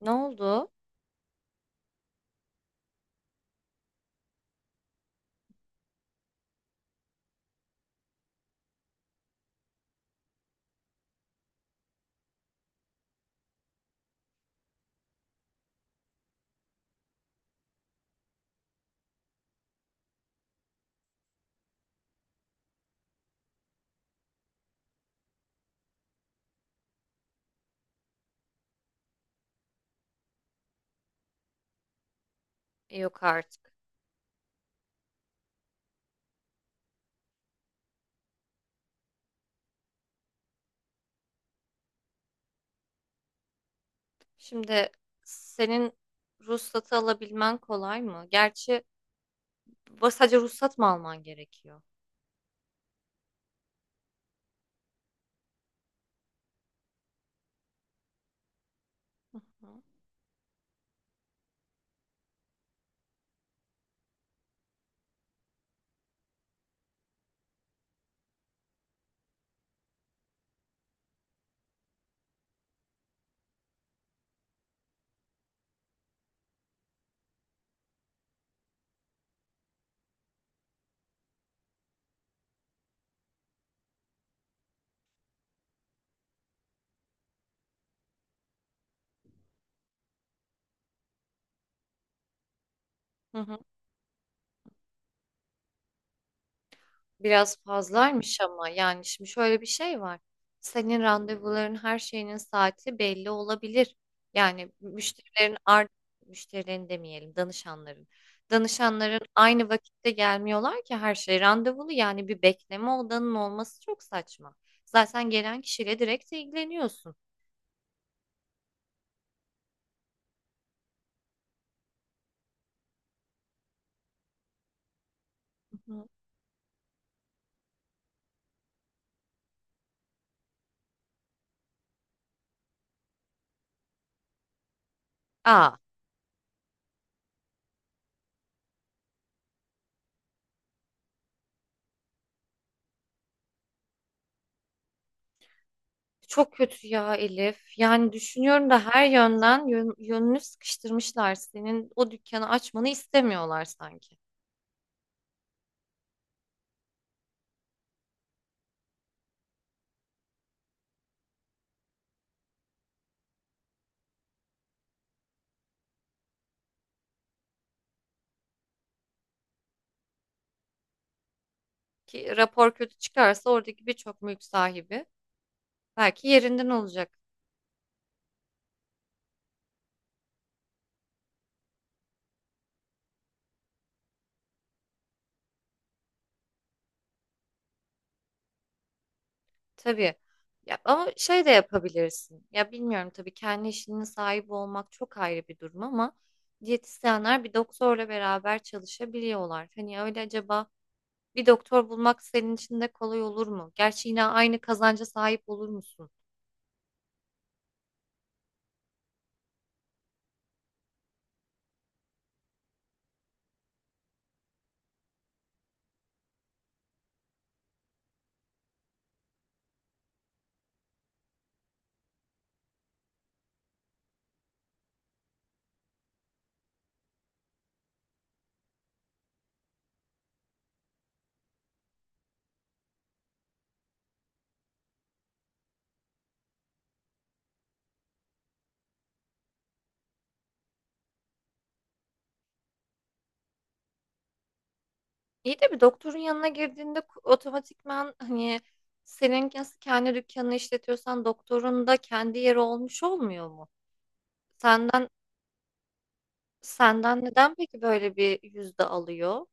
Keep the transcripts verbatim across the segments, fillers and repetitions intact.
Ne oldu? Yok artık. Şimdi senin ruhsatı alabilmen kolay mı? Gerçi bu- sadece ruhsat mı alman gerekiyor? Hı hı. Hı hı. Biraz fazlaymış ama yani şimdi şöyle bir şey var. Senin randevuların her şeyinin saati belli olabilir. Yani müşterilerin art müşterilerin demeyelim, danışanların. Danışanların aynı vakitte gelmiyorlar ki, her şey randevulu, yani bir bekleme odanın olması çok saçma. Zaten gelen kişiyle direkt ilgileniyorsun. Hı hı. Aa, çok kötü ya Elif. Yani düşünüyorum da her yönden yön- yönünü sıkıştırmışlar. Senin o dükkanı açmanı istemiyorlar sanki. Ki rapor kötü çıkarsa oradaki birçok mülk sahibi belki yerinden olacak. Tabii. Ya, ama şey de yapabilirsin. Ya bilmiyorum tabii, kendi işinin sahibi olmak çok ayrı bir durum ama diyetisyenler bir doktorla beraber çalışabiliyorlar. Hani öyle acaba bir doktor bulmak senin için de kolay olur mu? Gerçi yine aynı kazanca sahip olur musun? İyi de bir doktorun yanına girdiğinde ku- otomatikman hani senin nasıl kendi dükkanını işletiyorsan doktorun da kendi yeri olmuş olmuyor mu? Senden senden neden peki böyle bir yüzde alıyor?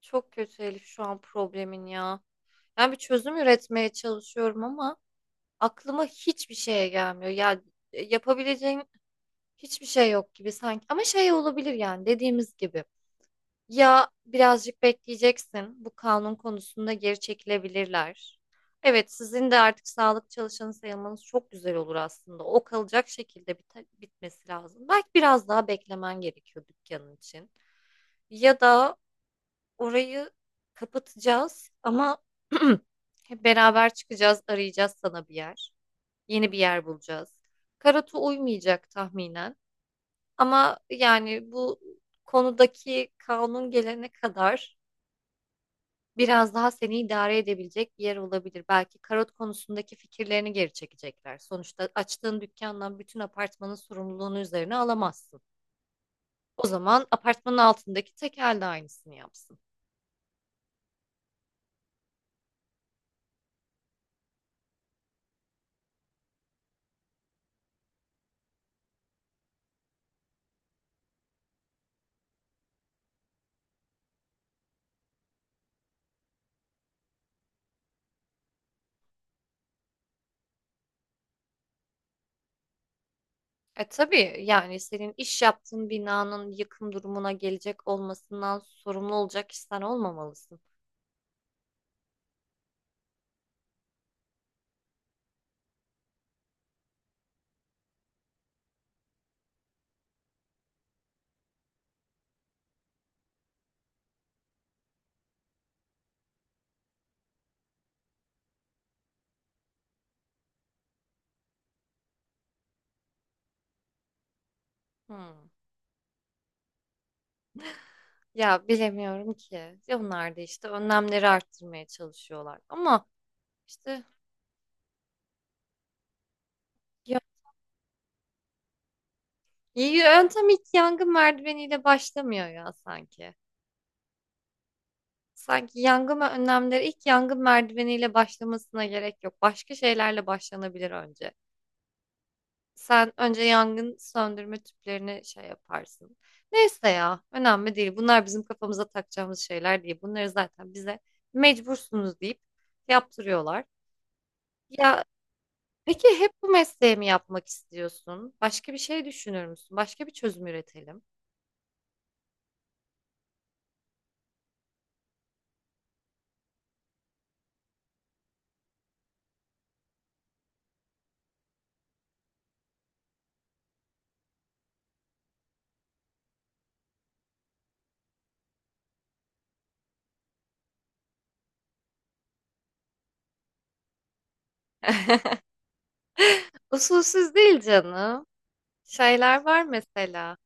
Çok kötü Elif şu an problemin ya. Ben bir çözüm üretmeye çalışıyorum ama aklıma hiçbir şeye gelmiyor. Ya, yapabileceğin hiçbir şey yok gibi sanki. Ama şey olabilir, yani dediğimiz gibi. Ya, birazcık bekleyeceksin. Bu kanun konusunda geri çekilebilirler. Evet, sizin de artık sağlık çalışanı sayılmanız çok güzel olur aslında. O kalacak şekilde bite- bitmesi lazım. Belki biraz daha beklemen gerekiyor dükkanın için. Ya da orayı kapatacağız ama hep beraber çıkacağız, arayacağız sana bir yer. Yeni bir yer bulacağız. Karatu uymayacak tahminen. Ama yani bu konudaki kanun gelene kadar biraz daha seni idare edebilecek bir yer olabilir. Belki karot konusundaki fikirlerini geri çekecekler. Sonuçta açtığın dükkandan bütün apartmanın sorumluluğunu üzerine alamazsın. O zaman apartmanın altındaki tekel de aynısını yapsın. E tabii, yani senin iş yaptığın binanın yıkım durumuna gelecek olmasından sorumlu olacak kişi olmamalısın. Hmm. Ya bilemiyorum ki. Ya, onlar da işte önlemleri arttırmaya çalışıyorlar. Ama işte ya, yöntem ilk yangın merdiveniyle başlamıyor ya sanki. Sanki yangın önlemleri ilk yangın merdiveniyle başlamasına gerek yok. Başka şeylerle başlanabilir önce. Sen önce yangın söndürme tüplerini şey yaparsın. Neyse ya, önemli değil. Bunlar bizim kafamıza takacağımız şeyler değil. Bunları zaten bize mecbursunuz deyip yaptırıyorlar. Ya peki, hep bu mesleği mi yapmak istiyorsun? Başka bir şey düşünür müsün? Başka bir çözüm üretelim. Usulsüz değil canım. Şeyler var mesela.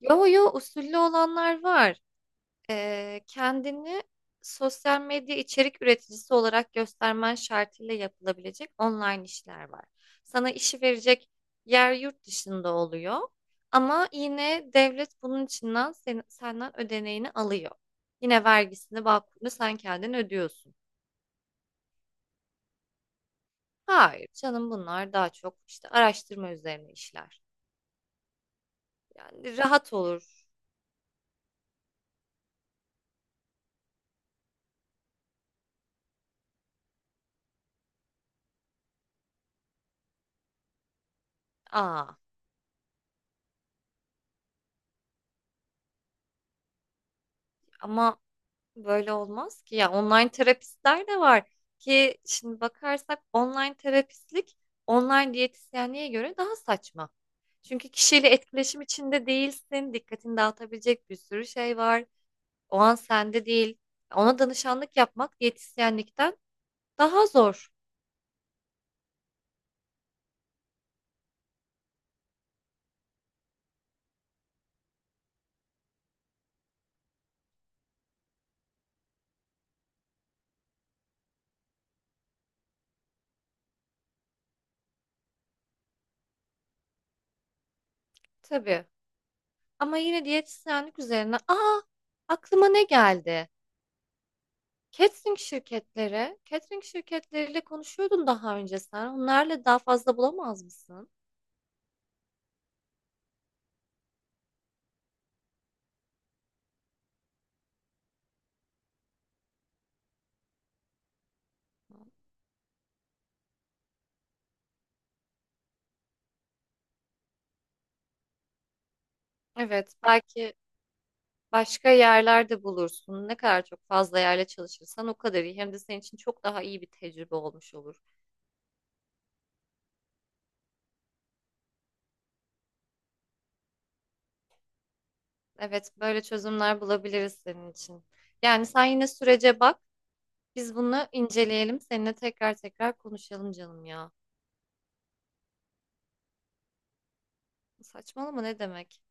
Yo yo, usullü olanlar var. E, kendini sosyal medya içerik üreticisi olarak göstermen şartıyla yapılabilecek online işler var. Sana işi verecek yer yurt dışında oluyor ama yine devlet bunun içinden sen- senden ödeneğini alıyor. Yine vergisini, bakımını sen kendin ödüyorsun. Hayır canım, bunlar daha çok işte araştırma üzerine işler. Yani rahat olur. Aa, ama böyle olmaz ki. Ya, online terapistler de var ki, şimdi bakarsak online terapistlik online diyetisyenliğe göre daha saçma. Çünkü kişiyle etkileşim içinde değilsin. Dikkatini dağıtabilecek bir sürü şey var. O an sende değil. Ona danışanlık yapmak diyetisyenlikten daha zor tabii. Ama yine diyetisyenlik üzerine, aa, aklıma ne geldi? Catering şirketleri, catering şirketleriyle konuşuyordun daha önce sen. Onlarla daha fazla bulamaz mısın? Evet, belki başka yerlerde bulursun. Ne kadar çok fazla yerle çalışırsan o kadar iyi. Hem de senin için çok daha iyi bir tecrübe olmuş olur. Evet, böyle çözümler bulabiliriz senin için. Yani sen yine sürece bak. Biz bunu inceleyelim. Seninle tekrar tekrar konuşalım canım ya. Saçmalama, ne demek?